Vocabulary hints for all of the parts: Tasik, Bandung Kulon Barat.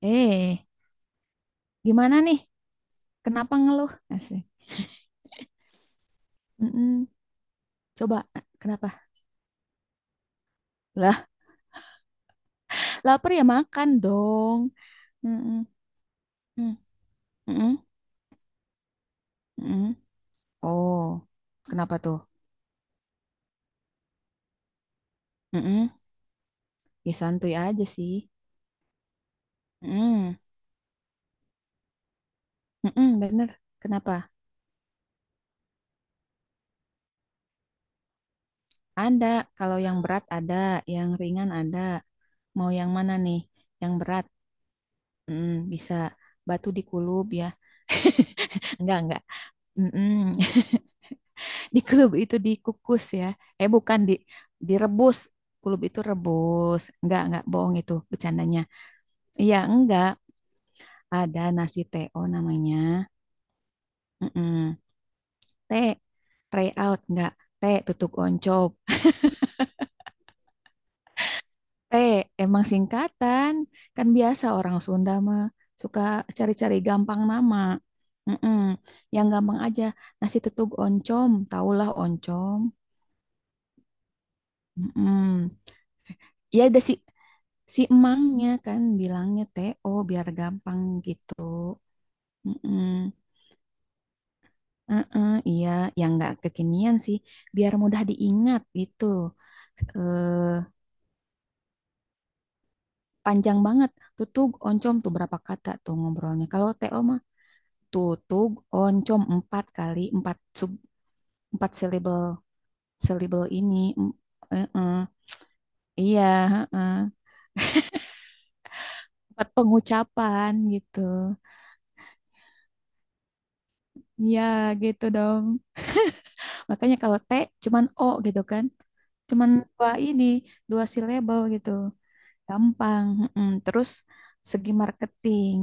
Eh, gimana nih? Kenapa ngeluh? Asik. Mm-mm. Coba, kenapa? Lah, lapar ya makan dong. Mm-mm. Mm. Mm-mm. Mm-mm. Oh, kenapa tuh? Mm-mm. Ya santuy aja sih. Mm. Mm-mm, bener. Kenapa? Ada. Kalau yang berat ada, yang ringan ada. Mau yang mana nih? Yang berat? Mm, bisa. Batu dikulub ya. Enggak, enggak. Mm-mm. Di klub itu dikukus ya. Eh bukan di direbus. Klub itu rebus. Enggak bohong itu bercandanya. Iya, enggak. Ada nasi TO namanya. Mm-mm. T, tray out enggak. T, tutuk oncop. T, emang singkatan. Kan biasa orang Sunda mah suka cari-cari gampang nama. Mm-mm. Yang gampang aja. Nasi tutuk oncom. Taulah oncom. Mm-mm. Iya ada sih. Si emangnya kan bilangnya TO biar gampang gitu. Mm-mm. Eh-eh, iya, yang nggak kekinian sih, biar mudah diingat gitu. Eh, panjang banget. Tutug oncom tuh berapa kata tuh ngobrolnya. Kalau TO mah tutug oncom empat kali empat sub empat syllable syllable ini. Eh-eh. Iya, eh empat pengucapan gitu. Iya gitu dong. Makanya kalau T cuman O gitu kan. Cuman dua ini, dua label gitu. Gampang. Mm-mm. Terus segi marketing.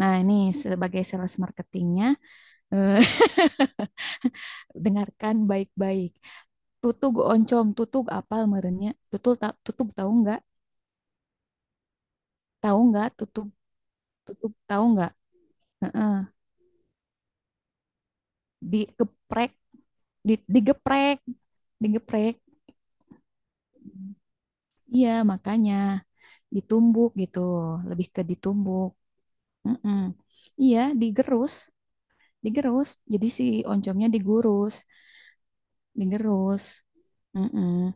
Nah, ini sebagai sales marketingnya, eh, dengarkan baik-baik. Tutug oncom, tutug apa merenya? Tutug, ta tutug tahu nggak? Tahu nggak? Tutug, tutug tahu nggak? Heeh. Digeprek, digeprek, digeprek. Iya, makanya ditumbuk gitu, lebih ke ditumbuk. Mm-mm. Iya, digerus. Digerus jadi si oncomnya digurus digerus. Mm-mm.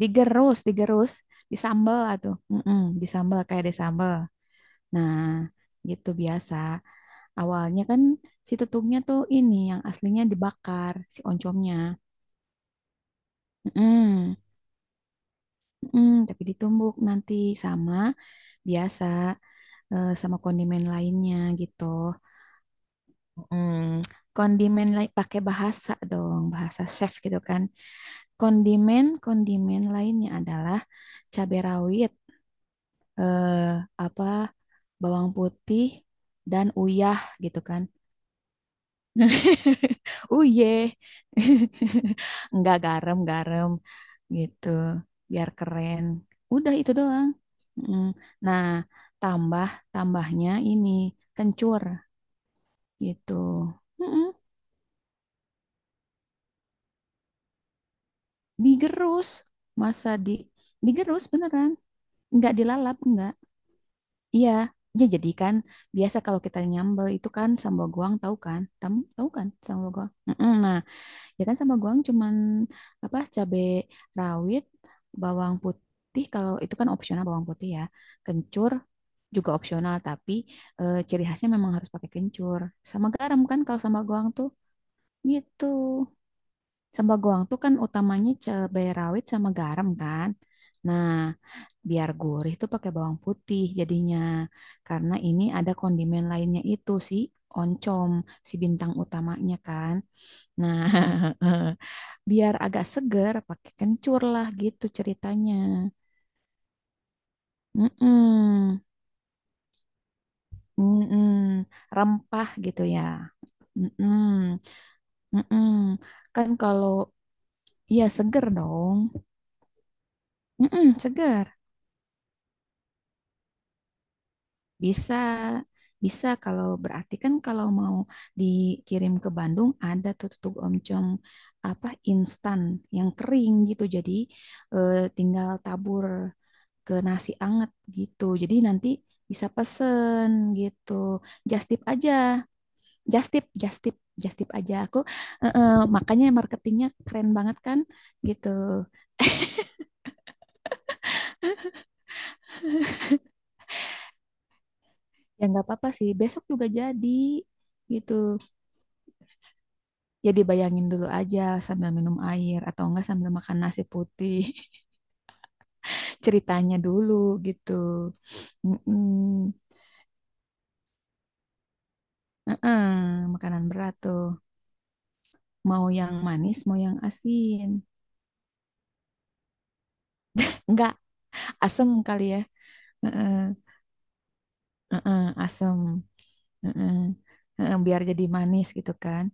Digerus digerus disambel atau mm disambel kayak disambel. Nah, gitu biasa awalnya kan si tutungnya tuh ini yang aslinya dibakar si oncomnya. Mm-mm. Mm-mm. Tapi ditumbuk nanti sama biasa sama kondimen lainnya gitu. Mm, kondimen lain pakai bahasa dong, bahasa chef gitu kan. Kondimen-kondimen lainnya adalah cabai rawit, eh, apa, bawang putih dan uyah gitu kan. Uyeh. Enggak, garam-garam gitu, biar keren. Udah itu doang. Mm. Nah, tambah tambahnya ini kencur gitu. Mm-mm. Digerus, masa di digerus beneran. Enggak dilalap, enggak. Iya, ya jadi kan biasa kalau kita nyambel itu kan sambal goang tahu kan? Tahu tahu kan sambal goang? Mm-mm, nah, ya kan sambal goang cuman apa cabe rawit, bawang putih kalau itu kan opsional bawang putih ya. Kencur juga opsional tapi ciri khasnya memang harus pakai kencur sama garam kan kalau sambal goang tuh gitu. Sambal goang tuh kan utamanya cabai rawit sama garam kan. Nah, biar gurih tuh pakai bawang putih jadinya. Karena ini ada kondimen lainnya itu si oncom, si bintang utamanya kan. Nah, biar agak seger pakai kencur lah gitu ceritanya. Mm-mm, mm-mm, rempah gitu ya. Mm-mm, mm-mm. Kan kalau iya seger dong. Mm-mm, seger. Bisa, bisa kalau berarti kan kalau mau dikirim ke Bandung ada tuh tutug oncom apa instan yang kering gitu. Jadi tinggal tabur ke nasi anget gitu. Jadi nanti bisa pesen gitu. Just tip aja, just tip, just tip, just tip aja. Eh, eh, Makanya marketingnya keren banget kan gitu. Ya nggak apa-apa sih. Besok juga jadi gitu. Ya dibayangin dulu aja sambil minum air atau enggak sambil makan nasi putih ceritanya dulu gitu. Mm-mm. Mm-mm. Makanan berat tuh mau yang manis mau yang asin enggak asem kali ya. Mm-mm. Mm-mm, asem. Mm-mm. Mm-mm, biar jadi manis gitu kan.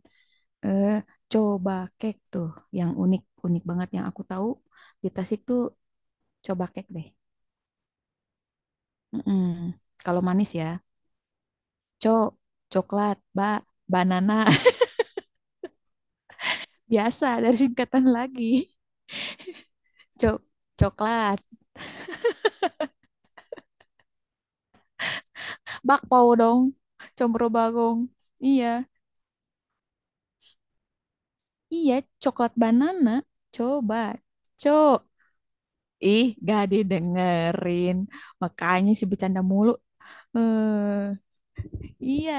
eh coba cake tuh yang unik unik banget yang aku tahu di Tasik tuh coba cake deh. Mm-mm. Kalau manis ya Cok, coklat, bak, banana. Biasa dari singkatan lagi. Cok, coklat. Bakpao dong. Combro bagong. Iya. Iya, coklat banana. Coba. Cok. Ih, gak didengerin. Makanya si bercanda mulu. Eh, iya,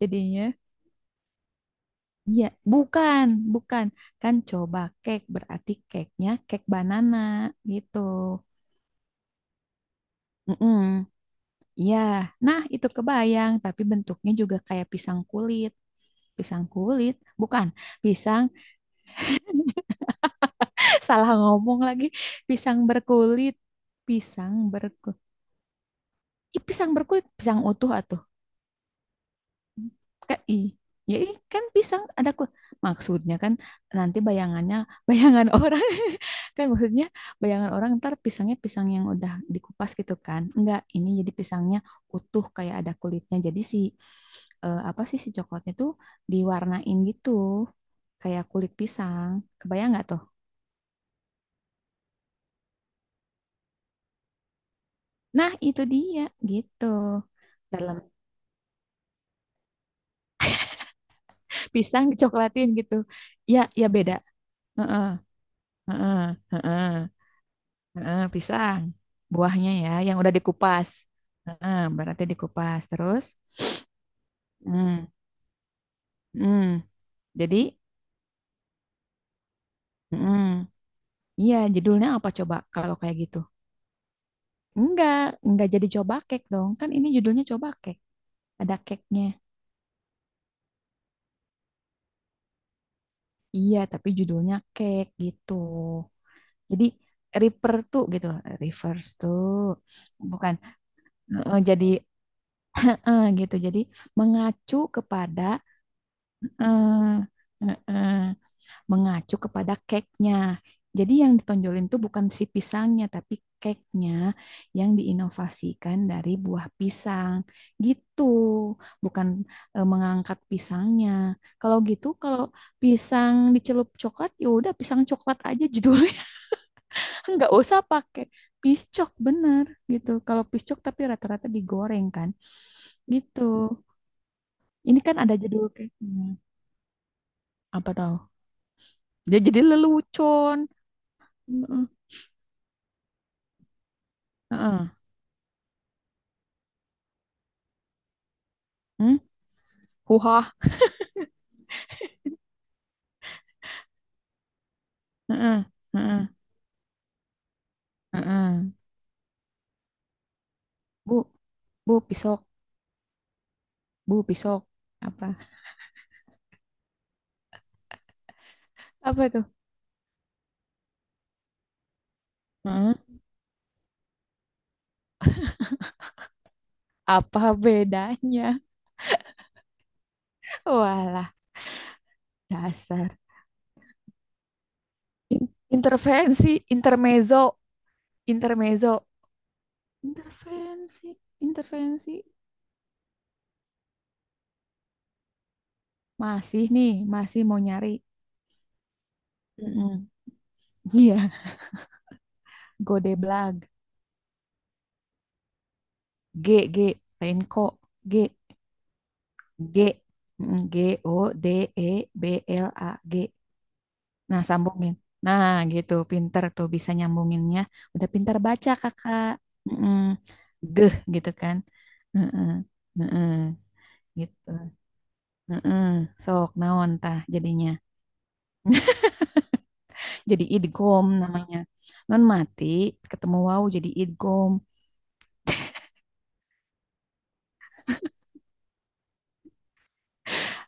jadinya. Iya, bukan, bukan. Kan coba cake berarti cake-nya cake banana gitu. Mm-mm. Iya, nah itu kebayang, tapi bentuknya juga kayak pisang kulit. Pisang kulit, bukan pisang, salah ngomong lagi. Pisang berkulit, pisang berkulit, Ih, pisang berkulit, pisang utuh atau KI. Ya ih, kan pisang ada ku. Maksudnya kan nanti bayangannya orang, kan maksudnya bayangan orang ntar pisangnya pisang yang udah dikupas gitu kan. Enggak, ini jadi pisangnya utuh kayak ada kulitnya. Jadi si apa sih si coklatnya tuh diwarnain gitu kayak kulit pisang. Kebayang nggak tuh? Nah, itu dia gitu. Dalam pisang dicoklatin gitu. Ya, ya beda. Heeh, heeh, heeh. Heeh, pisang. Buahnya ya, yang udah dikupas. Heeh, berarti dikupas terus. Hmm. Hmm. Jadi, hmm. Iya, judulnya apa coba kalau kayak gitu? Enggak, enggak jadi coba cake dong. Kan ini judulnya coba cake. Ada cake-nya. Iya, tapi judulnya cake gitu. Jadi refer tuh gitu, reverse tuh. Bukan eh, jadi gitu. Jadi mengacu kepada eh, eh, eh, mengacu kepada cake-nya. Jadi yang ditonjolin tuh bukan si pisangnya, tapi cake-nya yang diinovasikan dari buah pisang. Gitu, bukan mengangkat pisangnya. Kalau gitu, kalau pisang dicelup coklat, ya udah pisang coklat aja judulnya. Nggak usah pakai piscok, bener gitu. Kalau piscok tapi rata-rata digoreng kan. Gitu. Ini kan ada judul cake-nya. Apa tahu? Dia jadi lelucon. Heeh. Heeh. Hmm? Huha. Heeh, heeh, heeh. Bu, bu pisok, bu pisok. Apa? Apa tuh? Heeh. Apa bedanya? Walah, dasar. Intervensi, intermezzo, intermezzo. Intervensi, intervensi. Masih nih, masih mau nyari. Heeh. Iya, Godeblag. G, G, lain kok. G, G. Mm, G O D E B L A G. Nah, sambungin. Nah, gitu. Pinter tuh bisa nyambunginnya. Udah pintar baca, kakak. Mm-mm. Geh, gitu kan. Heeh, heeh, gitu. Heeh. Sok, naon tah jadinya. Jadi idgom namanya. Non mati ketemu wau jadi idgom.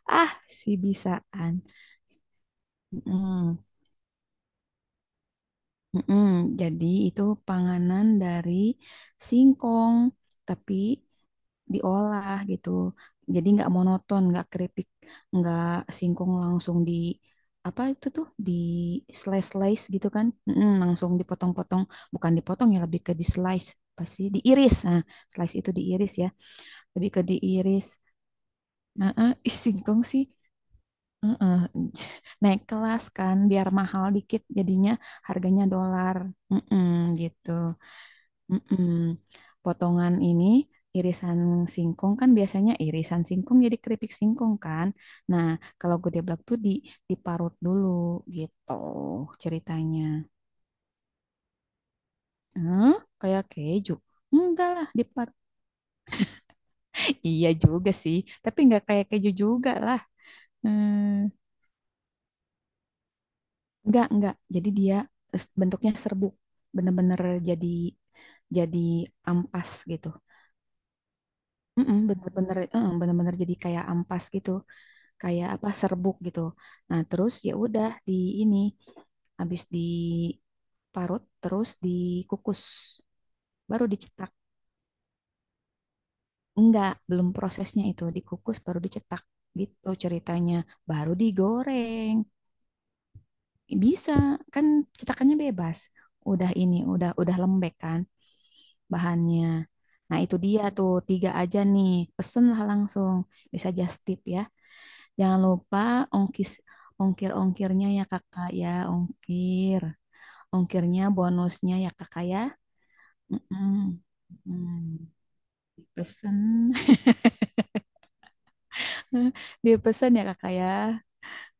Ah, si bisaan. Mm-mm. Mm-mm, jadi itu panganan dari singkong, tapi diolah gitu. Jadi nggak monoton, nggak keripik, nggak singkong langsung di apa itu tuh di slice slice gitu kan? Mm-mm, langsung dipotong-potong, bukan dipotong ya lebih ke di slice, pasti diiris. Nah, slice itu diiris ya, lebih ke diiris. Nah, ah, ih, singkong sih. Heeh, naik kelas kan biar mahal dikit jadinya harganya dolar. Mm-mm, gitu. Mm-mm. Potongan ini irisan singkong kan biasanya irisan singkong jadi keripik singkong kan. Nah, kalau gedeblak tuh di diparut dulu gitu ceritanya. Hmm, kayak keju. Enggak lah, diparut. Iya juga sih, tapi enggak kayak keju juga lah. Hmm. Enggak, enggak. Jadi dia bentuknya serbuk. Bener-bener jadi jadi ampas gitu. Mm-mm, bener-bener bener-bener jadi kayak ampas gitu, kayak apa serbuk gitu. Nah, terus ya udah di ini habis diparut terus dikukus baru dicetak. Enggak, belum prosesnya itu dikukus baru dicetak gitu ceritanya. Baru digoreng. Bisa, kan cetakannya bebas. Udah ini, udah lembek kan bahannya. Nah, itu dia tuh tiga aja nih. Pesenlah langsung. Bisa just tip ya. Jangan lupa ongkis ongkir-ongkirnya ya Kakak ya, ongkir. Ongkirnya bonusnya ya Kakak ya. Mm-mm. Mm. Dipesen. Dipesen ya Kakak ya.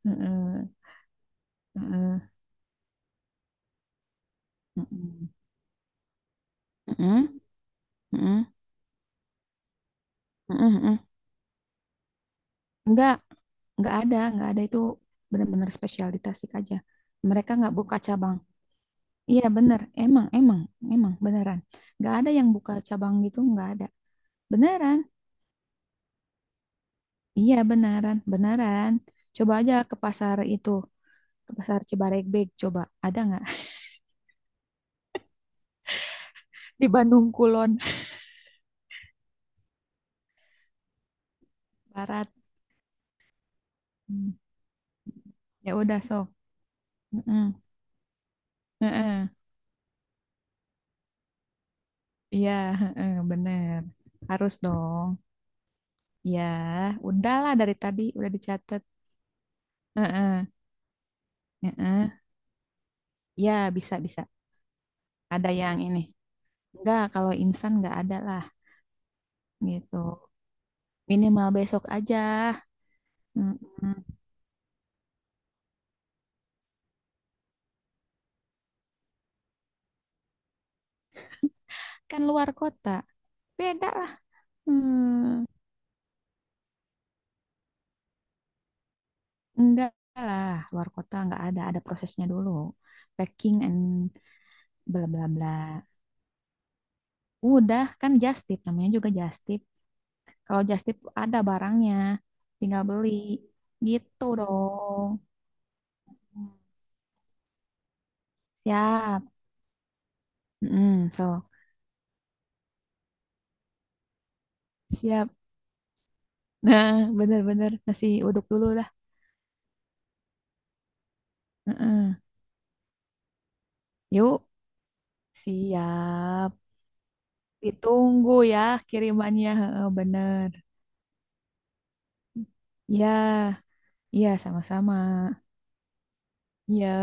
Heeh. Heeh. Heeh. Heeh. Heeh. Heeh. Enggak, enggak ada itu benar-benar spesial di Tasik aja. Mereka enggak buka cabang. Iya bener, emang beneran. Enggak ada yang buka cabang gitu, enggak ada. Beneran, iya beneran. Coba aja ke pasar itu, ke pasar Cibaregbek, coba. Ada nggak. Di Bandung Kulon Barat. Hmm, ya udah sok. Mm-mm. Heeh. Iya, heeh, bener. Harus dong. Ya, udahlah dari tadi udah dicatat. Heeh. Heeh. Ya, bisa, bisa. Ada yang ini. Enggak, kalau instan enggak ada lah, gitu. Minimal besok aja. Mm-mm. Kan luar kota. Beda lah. Hmm. Enggak lah, luar kota enggak ada. Ada prosesnya dulu. Packing and bla bla bla. Udah, kan just tip. Namanya juga just tip. Kalau just tip ada barangnya. Tinggal beli. Gitu dong. Siap. Mm, so, siap. Nah, bener-bener nasi uduk dulu. Heeh. Yuk, siap. Ditunggu ya kirimannya. Heeh, bener. Ya, iya sama-sama. Ya.